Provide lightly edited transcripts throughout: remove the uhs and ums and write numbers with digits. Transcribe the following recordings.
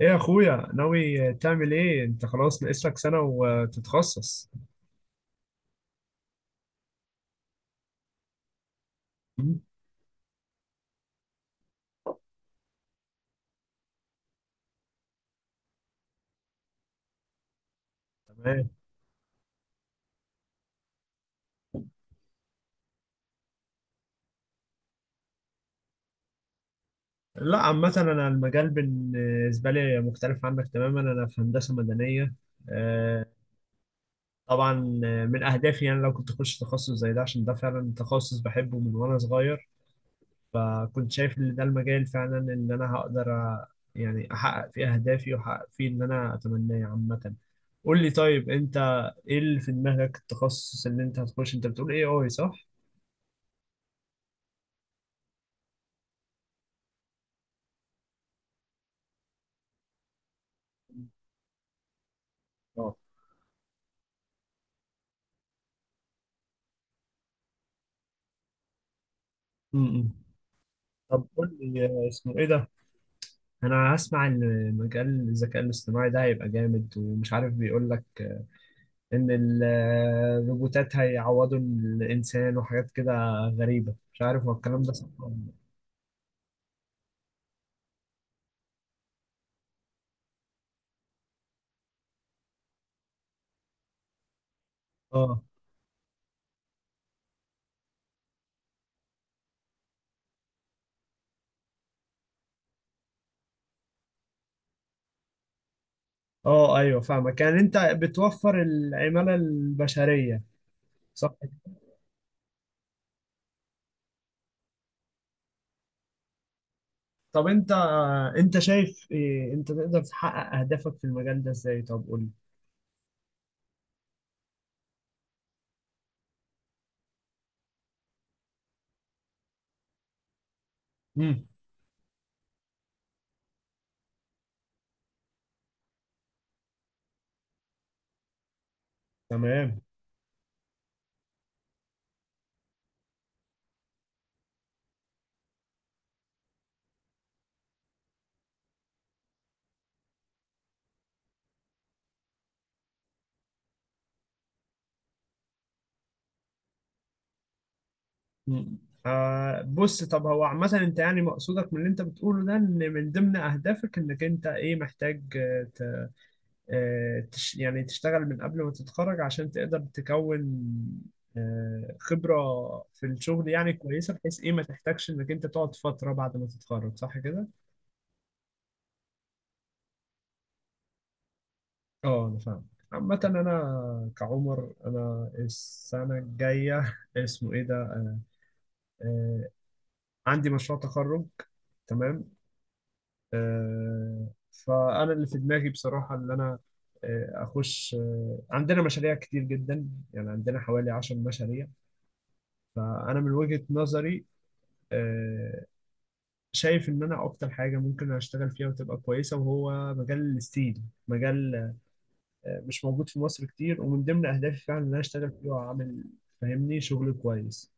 ايه يا اخويا، ناوي تعمل ايه انت؟ خلاص ناقص لك سنة وتتخصص. مم. تمام. لا، عامة انا المجال بالنسبة لي مختلف عنك تماما، انا في هندسة مدنية. آه، طبعا، من اهدافي يعني لو كنت اخش تخصص زي ده عشان ده فعلا تخصص بحبه من وانا صغير، فكنت شايف ان ده المجال فعلا اللي انا هقدر يعني احقق فيه اهدافي واحقق فيه اللي انا اتمناه عامة. قول لي طيب، انت ايه اللي في دماغك؟ التخصص اللي انت هتخش انت بتقول ايه؟ اي صح؟ اه. امم طب قول لي، اسمه ايه ده؟ انا هسمع ان مجال الذكاء الاصطناعي ده هيبقى جامد، ومش عارف بيقول لك ان الروبوتات هيعوضوا الانسان وحاجات كده غريبة، مش عارف هو الكلام ده صح ولا لا. اه اه، ايوه فاهمك. يعني انت بتوفر العمالة البشرية، صح. طب انت شايف إيه؟ انت تقدر تحقق اهدافك في المجال ده ازاي؟ طب قول لي. امم تمام. مم. بص، طب هو عامة انت يعني مقصودك من اللي انت بتقوله ده ان من ضمن اهدافك انك انت ايه، محتاج آه، ت- آه، تش يعني تشتغل من قبل ما تتخرج عشان تقدر تكون خبرة في الشغل يعني كويسة، بحيث ايه ما تحتاجش انك انت تقعد فترة بعد ما تتخرج، صح كده؟ اه انا فاهم. عامة انا كعمر، انا السنة الجاية اسمه ايه ده، آه، عندي مشروع تخرج. تمام. فأنا اللي في دماغي بصراحة اللي أنا أخش، عندنا مشاريع كتير جدا، يعني عندنا حوالي 10 مشاريع. فأنا من وجهة نظري آه، شايف إن أنا أكتر حاجة ممكن أشتغل فيها وتبقى كويسة، وهو مجال الستيل. مجال مش موجود في مصر كتير، ومن ضمن أهدافي فعلا إن أنا أشتغل فيه وأعمل، فاهمني، شغل كويس.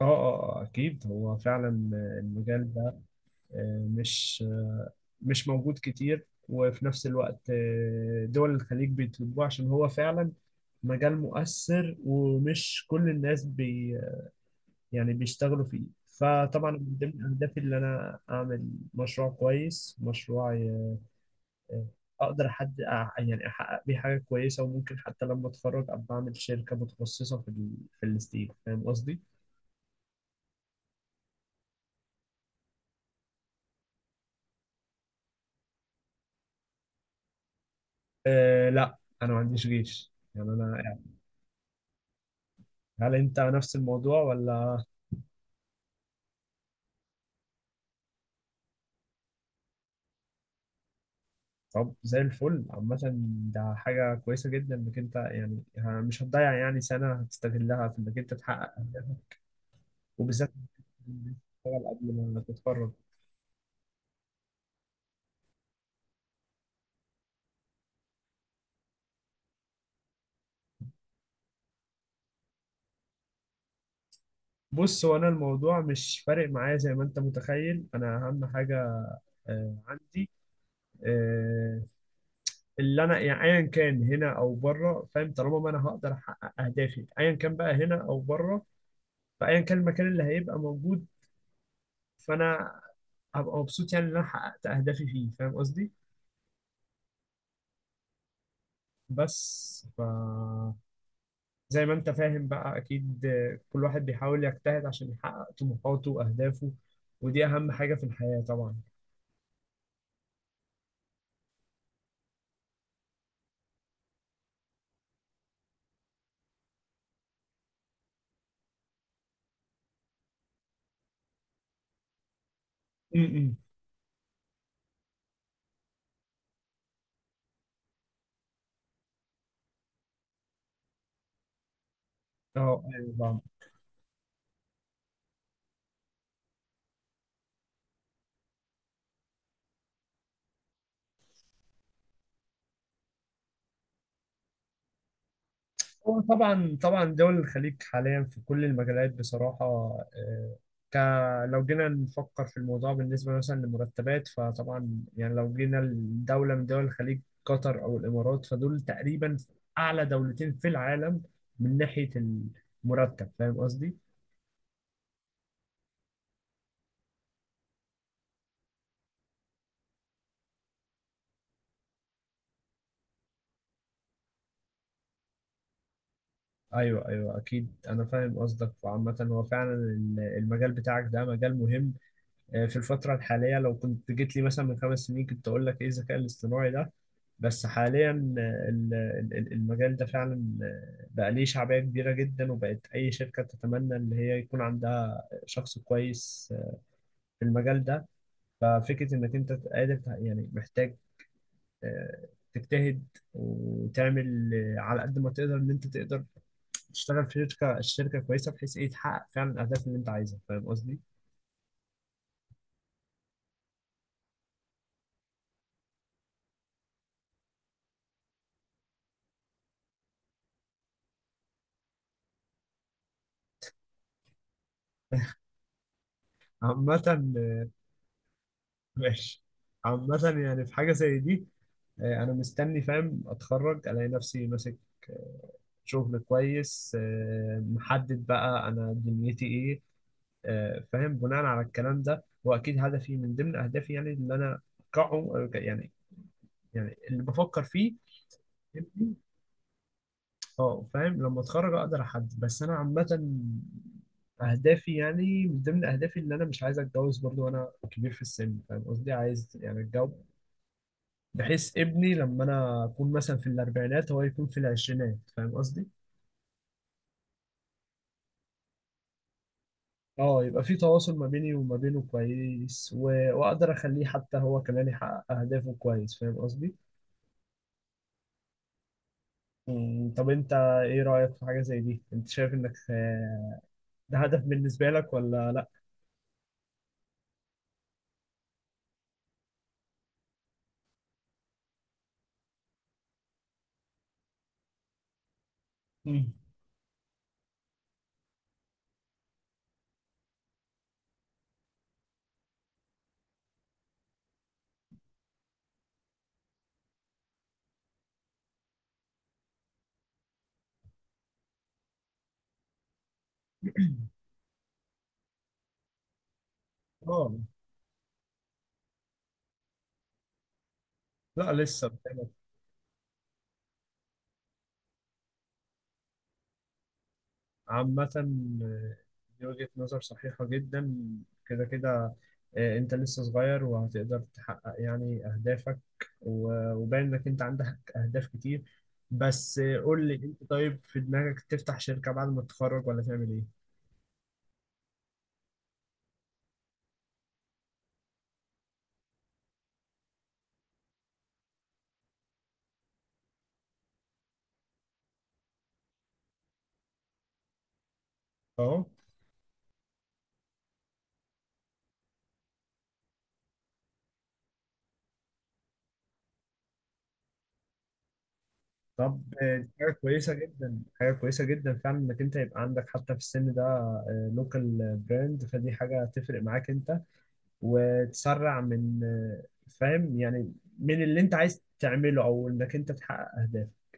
اه اه، اكيد هو فعلا المجال ده آه، مش مش موجود كتير، وفي نفس الوقت دول الخليج بيطلبوه، عشان هو فعلا مجال مؤثر، ومش كل الناس يعني بيشتغلوا فيه. فطبعا من ضمن أهدافي إن أنا أعمل مشروع كويس، أقدر حد، يعني أحقق بيه حاجة كويسة، وممكن حتى لما أتخرج أبقى أعمل شركة متخصصة في الستيل، فاهم قصدي؟ أه لا، أنا ما عنديش جيش، يعني أنا يعني، هل أنت نفس الموضوع ولا؟ طب زي الفل، عامة ده حاجة كويسة جدا انك انت يعني مش هتضيع يعني سنة، هتستغلها في انك انت تحقق أهدافك، وبالذات إنك تشتغل قبل ما تتخرج. بص، هو انا الموضوع مش فارق معايا زي ما انت متخيل، انا اهم حاجة عندي، آه، اللي انا يعني ايا كان هنا او بره، فاهم، طالما ما انا هقدر احقق اهدافي ايا كان بقى هنا او بره، فايا كان المكان اللي هيبقى موجود فانا هبقى مبسوط، يعني ان انا حققت اهدافي فيه، فاهم قصدي؟ بس، زي ما انت فاهم بقى اكيد، كل واحد بيحاول يجتهد عشان يحقق طموحاته واهدافه، ودي اهم حاجة في الحياة طبعا. امم اه ايوه طبعا. هو طبعا طبعا، دول الخليج حاليا في كل المجالات بصراحة، آه، ك لو جينا نفكر في الموضوع بالنسبة مثلا للمرتبات، فطبعا يعني لو جينا لدولة من دول الخليج، قطر أو الإمارات، فدول تقريبا أعلى دولتين في العالم من ناحية المرتب، فاهم قصدي؟ ايوه ايوه، اكيد انا فاهم قصدك. وعامة هو فعلا المجال بتاعك ده مجال مهم في الفترة الحالية. لو كنت جيت لي مثلا من 5 سنين، كنت اقول لك ايه الذكاء الاصطناعي ده؟ بس حاليا المجال ده فعلا بقى ليه شعبية كبيرة جدا، وبقت اي شركة تتمنى ان هي يكون عندها شخص كويس في المجال ده. ففكرة انك انت قادر يعني محتاج آه، تجتهد، وتعمل على قد ما تقدر ان انت تقدر تشتغل في شركه كويسه، بحيث ايه تحقق فعلا الاهداف اللي انت عايزها، فاهم قصدي؟ عامة ماشي، عامة يعني في حاجة زي دي أنا مستني، فاهم، أتخرج ألاقي نفسي ماسك شغل كويس محدد بقى أنا دنيتي إيه، فاهم، بناء على الكلام ده. وأكيد هدفي، من ضمن أهدافي يعني اللي أنا أحققه يعني اللي بفكر فيه. اه فاهم، لما اتخرج اقدر احدد، بس انا عامه اهدافي، يعني من ضمن اهدافي ان انا مش عايز اتجوز برضو وانا كبير في السن، فاهم قصدي، عايز يعني اتجوز بحيث ابني لما انا اكون مثلا في الاربعينات هو يكون في العشرينات، فاهم قصدي. اه، يبقى في تواصل ما بيني وما بينه كويس، واقدر اخليه حتى هو كمان يحقق اهدافه كويس، فاهم قصدي. طب انت، ايه رايك في حاجه زي دي؟ انت شايف انك ده هدف بالنسبه لك ولا لا؟ مم. اه لا لسه. عامة آه، دي وجهة نظر صحيحة جدا، كده كده. انت لسه صغير وهتقدر تحقق يعني اهدافك، وباين انك انت عندك اهداف كتير. بس قول لي انت طيب، في دماغك تفتح شركة بعد ما تتخرج ولا تعمل ايه؟ اه. طب دي حاجة كويسة جدا، حاجة كويسة جدا فعلا انك انت يبقى عندك حتى في السن ده لوكال براند، فدي حاجة تفرق معاك انت، وتسرع من، فاهم، يعني من اللي انت عايز تعمله او انك انت تحقق اهدافك.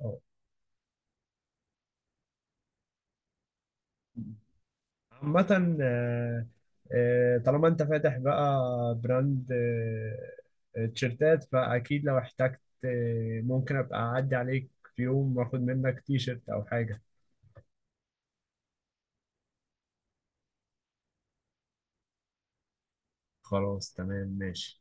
اه عامة طالما انت فاتح بقى براند تيشيرتات، فاكيد لو احتجت ممكن ابقى اعدي عليك في يوم، واخد منك تيشيرت او حاجة. خلاص تمام ماشي.